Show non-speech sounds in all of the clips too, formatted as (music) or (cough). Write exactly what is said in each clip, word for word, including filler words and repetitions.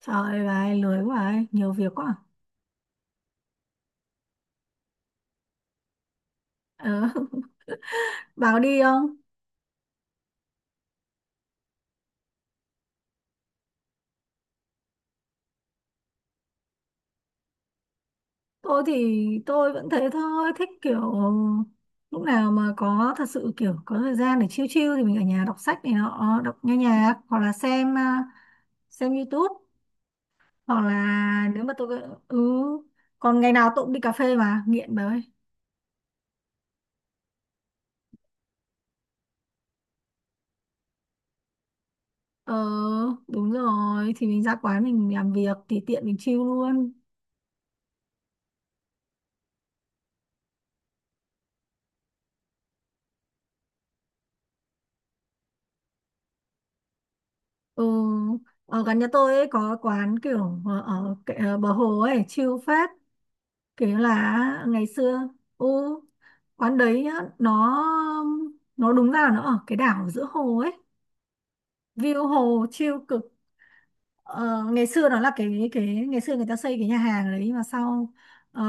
Trời ơi, lười quá ấy, nhiều việc quá. à. Ờ, (laughs) bảo đi không? Tôi thì tôi vẫn thế thôi, thích kiểu lúc nào mà có thật sự kiểu có thời gian để chill chill thì mình ở nhà đọc sách này nọ, đọc nghe nhạc hoặc là xem à, xem YouTube hoặc là nếu mà tôi ừ còn ngày nào tôi cũng đi cà phê mà nghiện đấy. Ờ, đúng rồi thì mình ra quán mình làm việc thì tiện mình chill luôn. Ừ, ở gần nhà tôi ấy có quán kiểu ở, ở cái- ờ, bờ hồ ấy chill phết, kiểu là ngày xưa ừ, quán đấy nhá, nó nó đúng ra là nó ở cái đảo giữa hồ ấy, view hồ chill cực. ờ, Ngày xưa nó là cái cái ngày xưa người ta xây cái nhà hàng đấy, mà sau ờ,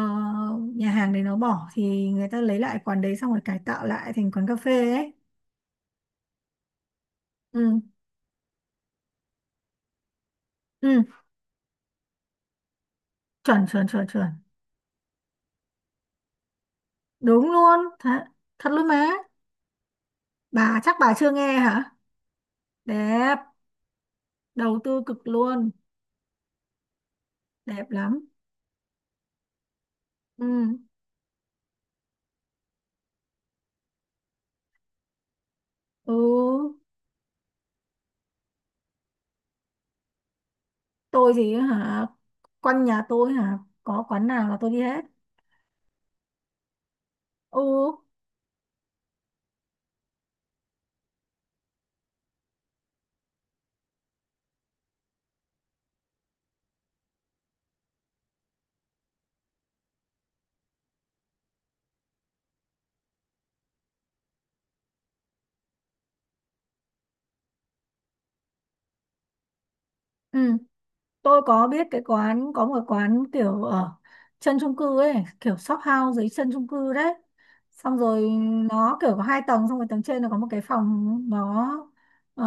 nhà hàng đấy nó bỏ thì người ta lấy lại quán đấy xong rồi cải tạo lại thành quán cà phê ấy. Ừ, ừ, chuẩn chuẩn chuẩn chuẩn. Đúng luôn thật, thật luôn má. Bà chắc bà chưa nghe hả? Đẹp, đầu tư cực luôn, đẹp lắm. Ừ, ừ, tôi thì hả, quanh nhà tôi hả, có quán nào là tôi đi hết. Ừ, ừ, tôi có biết cái quán, có một quán kiểu ở chân chung cư ấy, kiểu shop house dưới chân chung cư đấy, xong rồi nó kiểu có hai tầng, xong rồi tầng trên nó có một cái phòng nó ờ,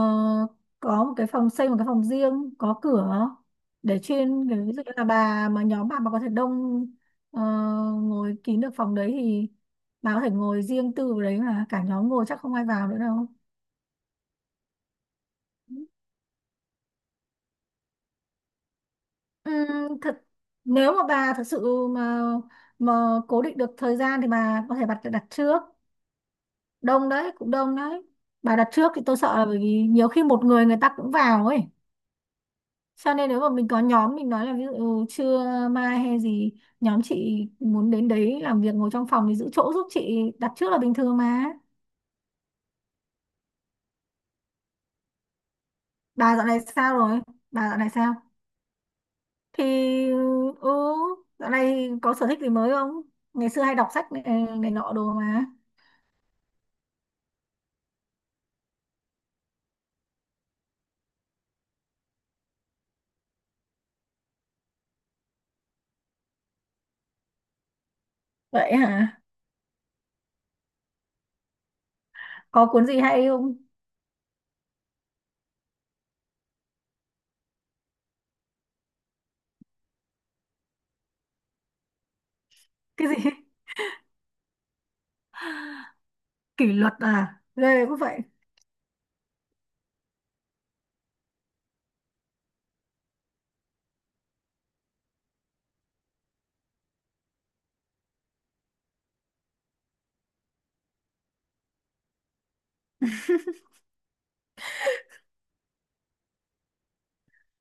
có một cái phòng, xây một cái phòng riêng có cửa để chuyên kiểu ví dụ như là bà mà nhóm bà mà có thể đông, ờ, ngồi kín được phòng đấy thì bà có thể ngồi riêng tư vào đấy, mà cả nhóm ngồi chắc không ai vào nữa đâu. Ừm, thật nếu mà bà thật sự mà mà cố định được thời gian thì bà có thể đặt đặt trước. Đông đấy, cũng đông đấy, bà đặt trước thì tôi sợ là bởi vì nhiều khi một người, người ta cũng vào ấy, cho nên nếu mà mình có nhóm mình nói là ví dụ ừ, trưa mai hay gì, nhóm chị muốn đến đấy làm việc ngồi trong phòng thì giữ chỗ giúp chị, đặt trước là bình thường mà. Bà dạo này sao rồi? Bà dạo này sao thì ừ dạo này có sở thích gì mới không? Ngày xưa hay đọc sách này, này nọ đồ mà. Vậy hả? Có cuốn gì hay không? Cái gì? (laughs) Kỷ luật à, ghê, cũng vậy.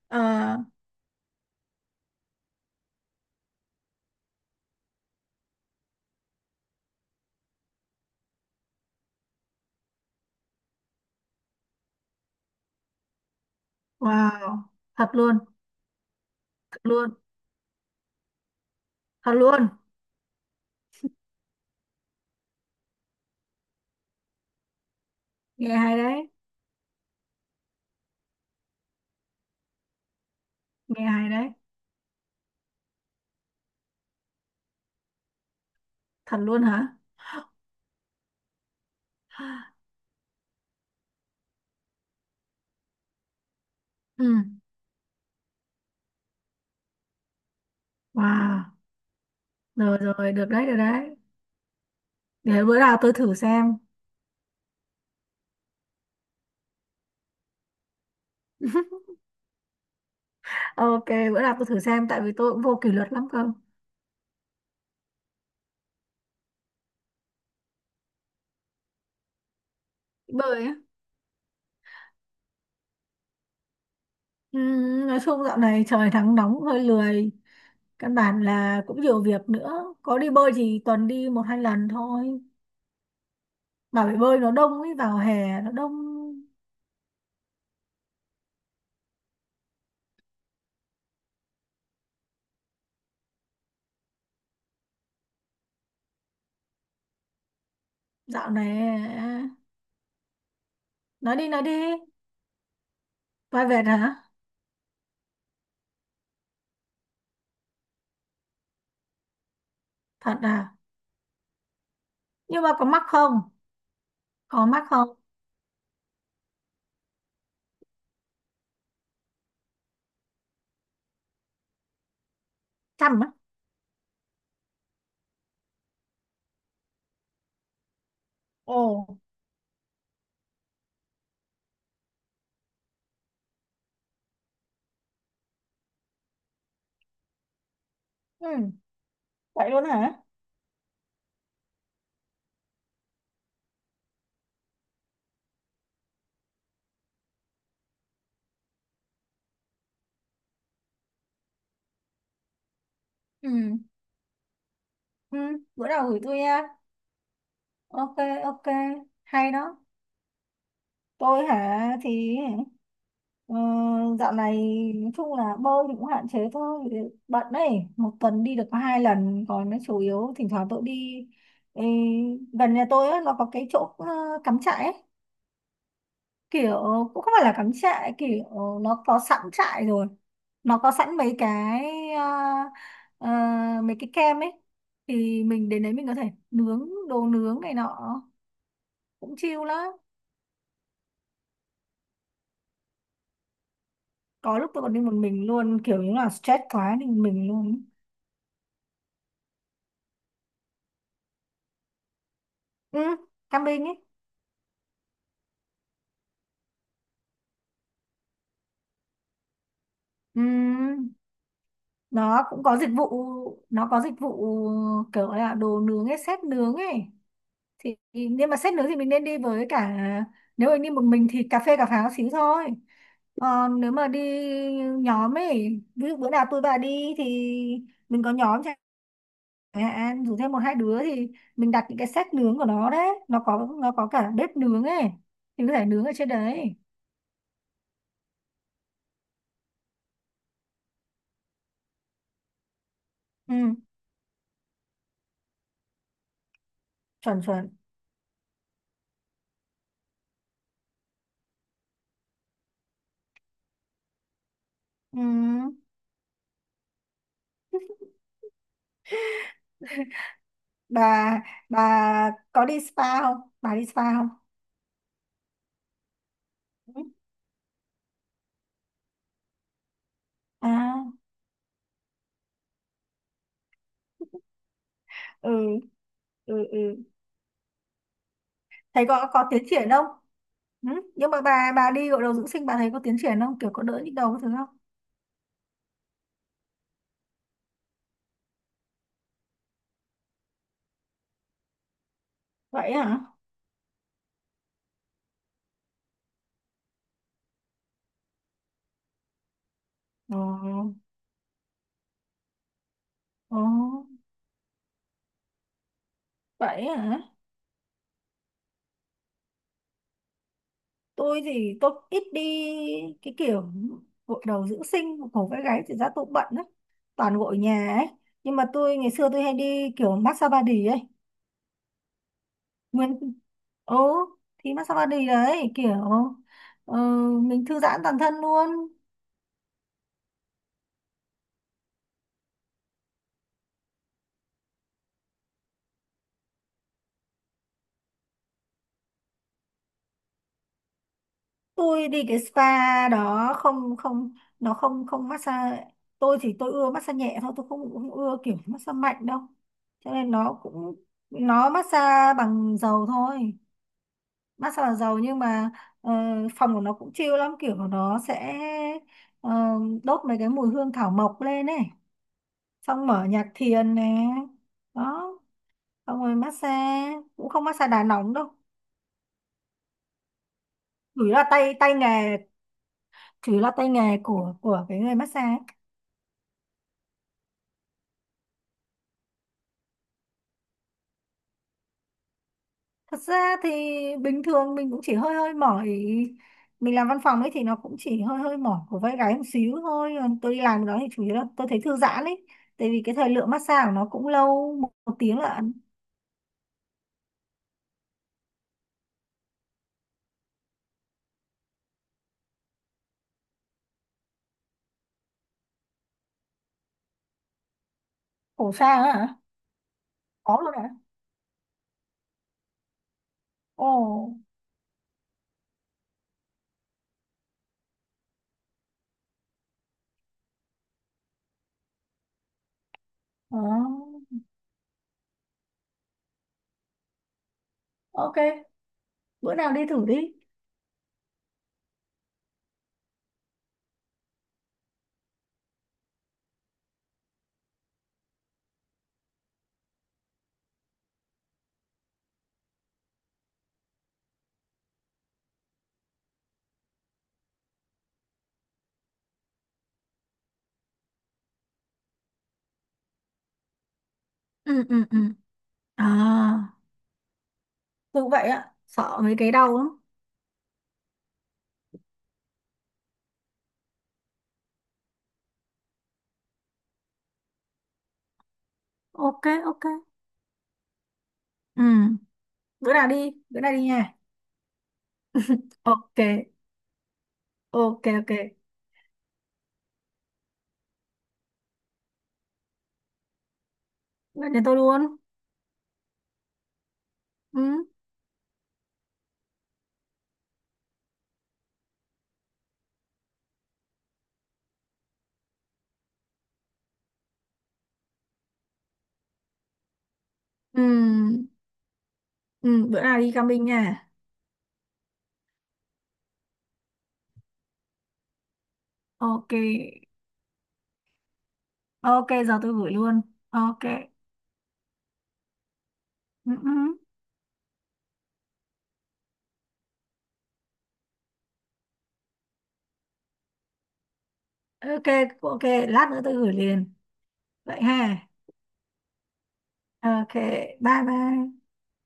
Ờ, wow, thật luôn. Thật luôn. Thật luôn. Nghe hay đấy. Nghe hay đấy. Thật luôn hả? (gasps) Ừ. Wow. Rồi rồi, được đấy, được đấy. Để bữa nào tôi thử xem. (laughs) Ok, bữa nào tôi thử xem tại vì tôi cũng vô kỷ luật lắm cơ. Bơi á? Ừ, nói chung dạo này trời nắng nóng hơi lười, căn bản là cũng nhiều việc nữa, có đi bơi thì tuần đi một hai lần thôi. Bà, bể bơi nó đông ấy, vào hè nó đông. Dạo này à, nói đi nói đi, vai vẹt hả? Thật à? Nhưng mà có mắc không? Có mắc không? Chăm á. Ồ, ừ, vậy luôn hả? Ừ, ừ, bữa nào gửi tôi nha. Ok, ok, hay đó. Tôi hả thì ờ, dạo này nói chung là bơi thì cũng hạn chế thôi, bận đấy, một tuần đi được có hai lần, còn nó chủ yếu thỉnh thoảng tôi đi. Ê, gần nhà tôi á, nó có cái chỗ ờ, cắm trại ấy, kiểu cũng không phải là cắm trại, kiểu nó có sẵn trại rồi, nó có sẵn mấy cái ờ, ờ, mấy cái kem ấy, thì mình đến đấy mình có thể nướng đồ nướng này nọ cũng chill lắm. Có lúc tôi còn đi một mình luôn, kiểu như là stress quá đi một mình luôn. Ừ, camping ấy. Ừ, nó cũng có dịch vụ, nó có dịch vụ kiểu là đồ nướng ấy, set nướng ấy, thì thì- nhưng mà sách nướng thì mình nên đi với cả, nếu mình đi một mình thì cà phê cà pháo xíu thôi, còn nếu mà đi nhóm ấy, ví dụ bữa nào tôi và đi thì mình có nhóm chẳng hạn rủ thêm một hai đứa thì mình đặt những cái set nướng của nó đấy, nó có nó có cả bếp nướng ấy thì có thể nướng ở trên đấy. Ừ, chuẩn chuẩn. Ừ. bà bà có đi spa không, bà đi spa không? Ừ. À. Ừ, ừ, ừ. Thấy có có tiến triển không? Ừ? Nhưng mà bà bà đi gội đầu dưỡng sinh bà thấy có tiến triển không, kiểu có đỡ nhức đầu cái thứ không? Vậy hả? ờ, ờ, Vậy hả? Tôi thì tôi ít đi cái kiểu gội đầu dưỡng sinh cổ vai gáy thì ra, tôi cũng bận đấy, toàn gội nhà ấy, nhưng mà tôi ngày xưa tôi hay đi kiểu massage body ấy, nguyên ố thì massage body đấy kiểu ờ, mình thư giãn toàn thân luôn. Tôi đi cái spa đó không không, nó không không massage. Tôi thì tôi ưa massage nhẹ thôi, tôi không, không ưa kiểu massage mạnh đâu, cho nên nó cũng nó massage bằng dầu thôi. Massage bằng dầu, nhưng mà ờ, phòng của nó cũng chill lắm, kiểu của nó sẽ ờ, đốt mấy cái mùi hương thảo mộc lên này, xong mở nhạc thiền nè, đó, xong rồi massage cũng không massage đá nóng đâu. chủ yếu là tay tay nghề Chủ yếu là tay nghề của của cái người massage ấy. Thật ra thì bình thường mình cũng chỉ hơi hơi mỏi, mình làm văn phòng ấy thì nó cũng chỉ hơi hơi mỏi của vai gáy một xíu thôi, còn tôi đi làm đó thì chủ yếu là tôi thấy thư giãn ấy, tại vì cái thời lượng massage của nó cũng lâu, một, một tiếng là. Khổ xa á hả? Có luôn hả? Ồ. ờ, ok, bữa nào đi thử đi. Ừ, ừ, ừ. À, tôi cũng vậy ạ, sợ mấy cái đau lắm. Ok, ok. Ừ, bữa nào đi, bữa nào đi nha. Ok, ok. Ok, bạn nhà tôi luôn. Ừ. Ừ, ừ, bữa nào đi camping nha. Ok, ok, giờ tôi gửi luôn. Ok, ừ, ừ. Ok, ok, lát nữa tôi gửi liền. Vậy ha. Ok, bye bye.